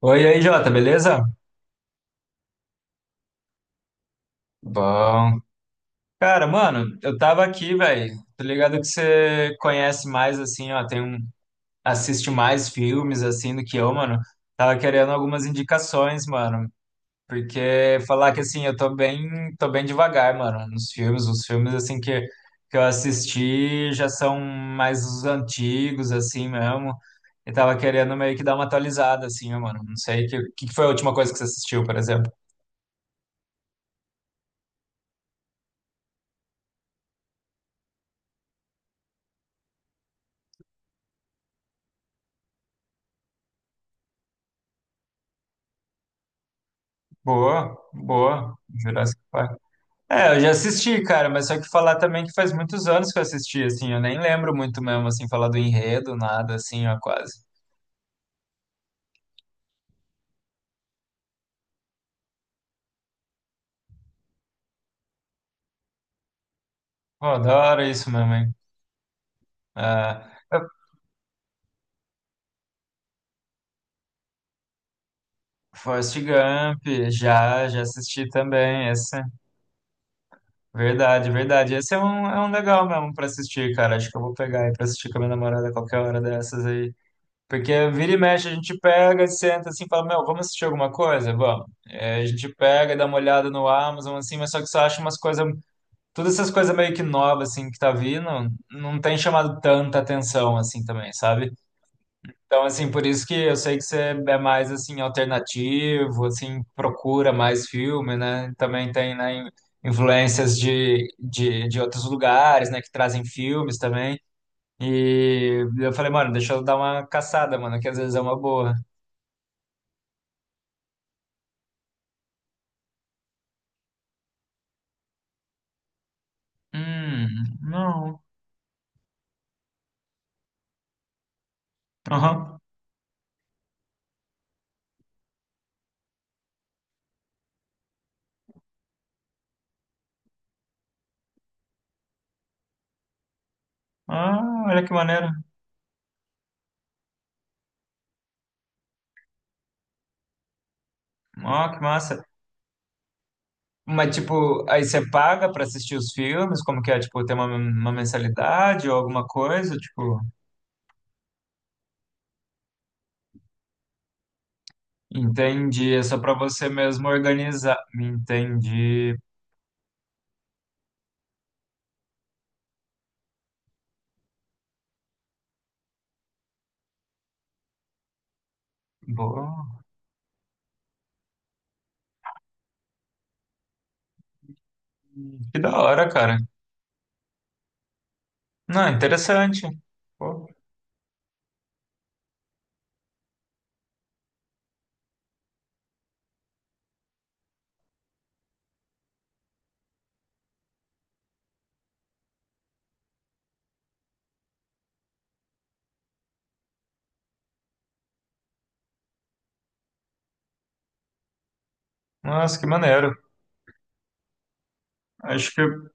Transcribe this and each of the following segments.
Oi, e aí, Jota, beleza? Bom. Cara, mano, eu tava aqui, velho. Tô ligado que você conhece mais, assim, ó, tem um, assiste mais filmes, assim, do que eu, mano. Tava querendo algumas indicações, mano. Porque falar que, assim, eu tô bem devagar, mano, nos filmes. Os filmes, assim, que eu assisti já são mais os antigos, assim, mesmo. E tava querendo meio que dar uma atualizada, assim, ó, mano. Não sei, que foi a última coisa que você assistiu, por exemplo? Boa, boa. Jurassic Park. É, eu já assisti, cara, mas só que falar também que faz muitos anos que eu assisti, assim, eu nem lembro muito mesmo, assim, falar do enredo, nada, assim, ó, quase. Pô, da hora isso mesmo, hein? Ah, eu- Forrest Gump, já assisti também, essa. Verdade, verdade. Esse é um legal mesmo pra assistir, cara. Acho que eu vou pegar aí pra assistir com a minha namorada qualquer hora dessas aí. Porque vira e mexe, a gente pega, senta assim, e fala, meu, vamos assistir alguma coisa? Vamos. É, a gente pega, dá uma olhada no Amazon, assim, mas só que você acha umas coisas, todas essas coisas meio que novas, assim, que tá vindo, não tem chamado tanta atenção, assim, também, sabe? Então, assim, por isso que eu sei que você é mais, assim, alternativo, assim, procura mais filme, né? Também tem, né, influências de outros lugares, né, que trazem filmes também. E eu falei, mano, deixa eu dar uma caçada, mano, que às vezes é uma boa. Hum, não. Aham. Ah, olha que maneiro. Ó, que massa. Mas, tipo, aí você paga pra assistir os filmes? Como que é? Tipo, tem uma mensalidade ou alguma coisa? Tipo, entendi. É só pra você mesmo organizar. Entendi. Boa. Que da hora, cara. Não, interessante. Pô, nossa, que maneiro. Acho que.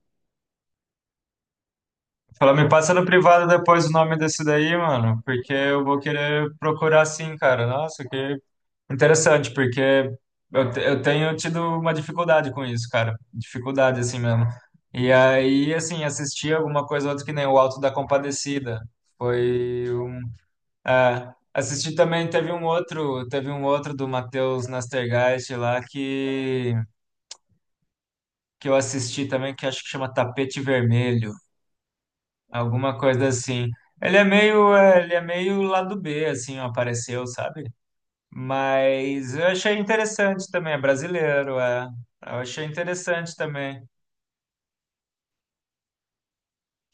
Fala, me passa no privado depois o nome desse daí, mano. Porque eu vou querer procurar sim, cara. Nossa, que interessante, porque eu tenho tido uma dificuldade com isso, cara. Dificuldade, assim mesmo. E aí, assim, assisti alguma coisa ou outra que nem o Alto da Compadecida. Foi um. É, assisti também, teve um outro do Matheus Nastergaist lá que eu assisti também, que acho que chama Tapete Vermelho, alguma coisa assim. Ele é meio, é, ele é meio lado B, assim, apareceu, sabe? Mas eu achei interessante também, é brasileiro, é. Eu achei interessante também.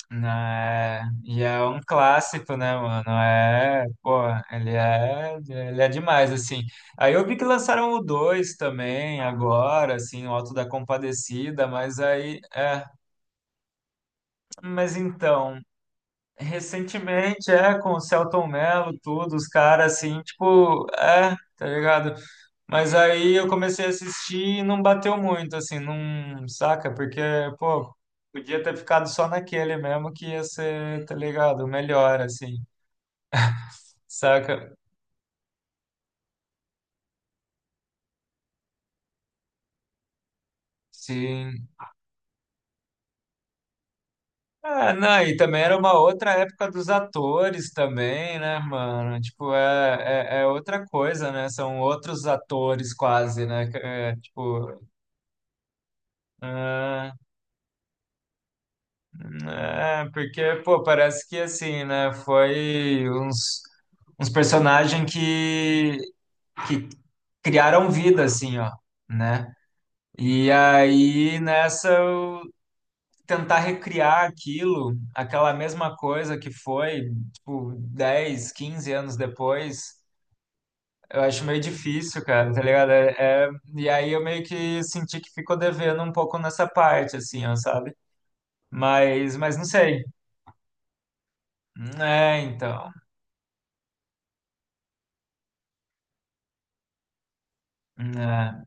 Né? E é um clássico, né, mano? É, pô, ele é demais, assim. Aí eu vi que lançaram o 2 também, agora, assim, o Alto da Compadecida, mas aí, é, mas então, recentemente, é, com o Selton Mello, tudo, os caras, assim, tipo, é, tá ligado? Mas aí eu comecei a assistir e não bateu muito, assim, não, saca? Porque, pô, podia ter ficado só naquele mesmo que ia ser, tá ligado? Melhor, assim, saca? Sim. Ah, não, e também era uma outra época dos atores também, né, mano? Tipo, é, é, é outra coisa, né? São outros atores quase, né? É, tipo, ah, é, porque, pô, parece que assim, né? Foi uns, uns personagens que criaram vida, assim, ó, né? E aí, nessa, eu tentar recriar aquilo, aquela mesma coisa que foi, tipo, 10, 15 anos depois, eu acho meio difícil, cara, tá ligado? E aí eu meio que senti que ficou devendo um pouco nessa parte, assim, ó, sabe? Mas não sei. É, então. É,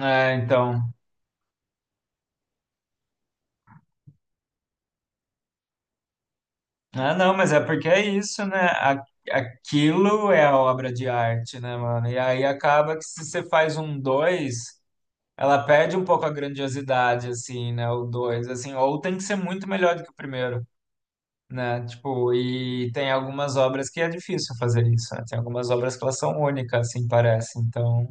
é, então. Ah, não, mas é porque é isso, né? A- Aquilo é a obra de arte, né, mano? E aí acaba que se você faz um dois ela perde um pouco a grandiosidade, assim, né? O dois assim, ou tem que ser muito melhor do que o primeiro, né? Tipo, e tem algumas obras que é difícil fazer isso, né? Tem algumas obras que elas são únicas, assim, parece. Então,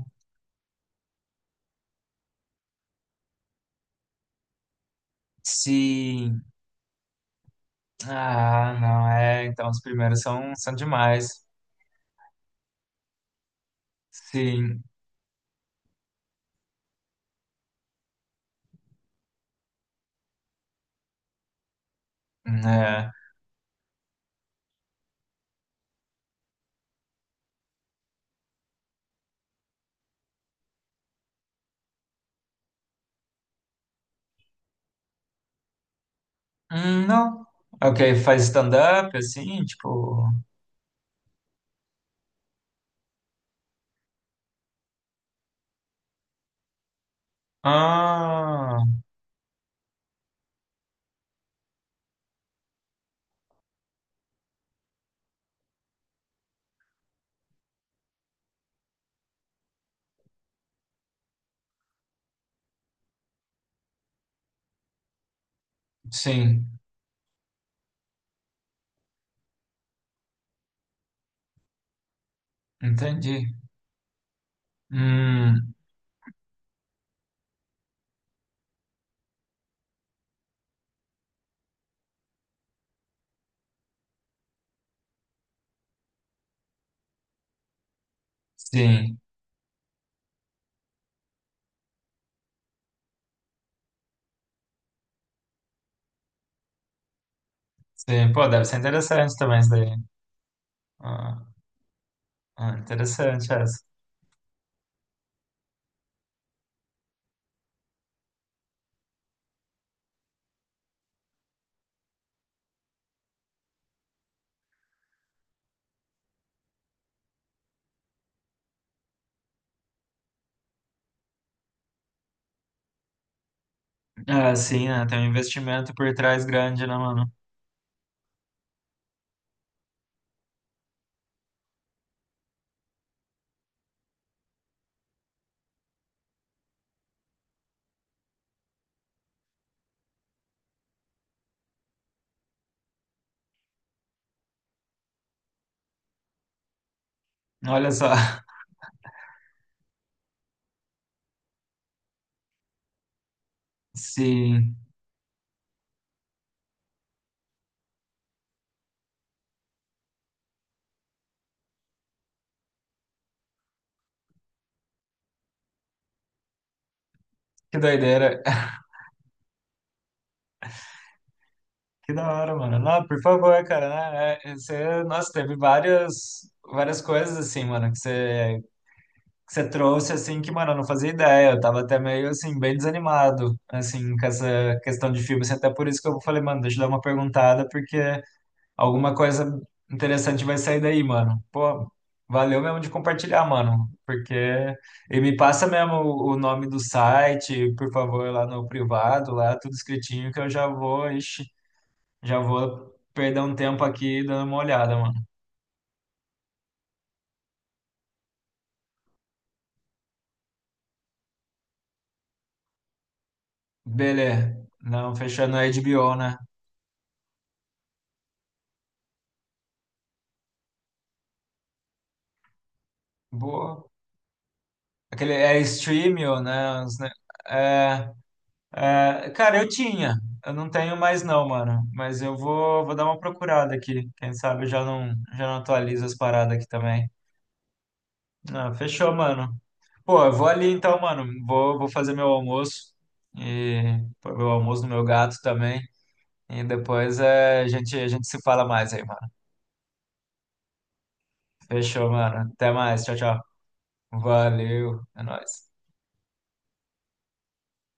sim. Ah, não, é. Então, os primeiros são, são demais. Sim, é. Não. Ok, faz stand-up, assim, tipo. Ah, sim, entendi. Hum, sim, sim. Pô, deve ser interessante também isso daí. Ah, ah, interessante essa. Ah, sim, né? Tem um investimento por trás grande, né, mano? Olha só. Sim, que doideira. Que da hora, mano. Não, por favor, cara, né? É, é, você, nossa, teve várias, várias coisas assim, mano, que você trouxe, assim, que, mano, eu não fazia ideia. Eu tava até meio, assim, bem desanimado, assim, com essa questão de filme. Assim, até por isso que eu falei, mano, deixa eu dar uma perguntada, porque alguma coisa interessante vai sair daí, mano. Pô, valeu mesmo de compartilhar, mano, porque... E me passa mesmo o nome do site, por favor, lá no privado, lá, tudo escritinho, que eu já vou, ixi, já vou perder um tempo aqui dando uma olhada, mano. Beleza. Não, fechando a HBO, né? Boa. Aquele é Streamio, né? É, é, cara, eu tinha. Eu não tenho mais não, mano. Mas eu vou, vou dar uma procurada aqui. Quem sabe eu já não atualizo as paradas aqui também. Ah, fechou, mano. Pô, eu vou ali então, mano. Vou, vou fazer meu almoço. E pôr meu almoço no meu gato também. E depois é, a gente se fala mais aí, mano. Fechou, mano. Até mais. Tchau, tchau. Valeu. É nóis.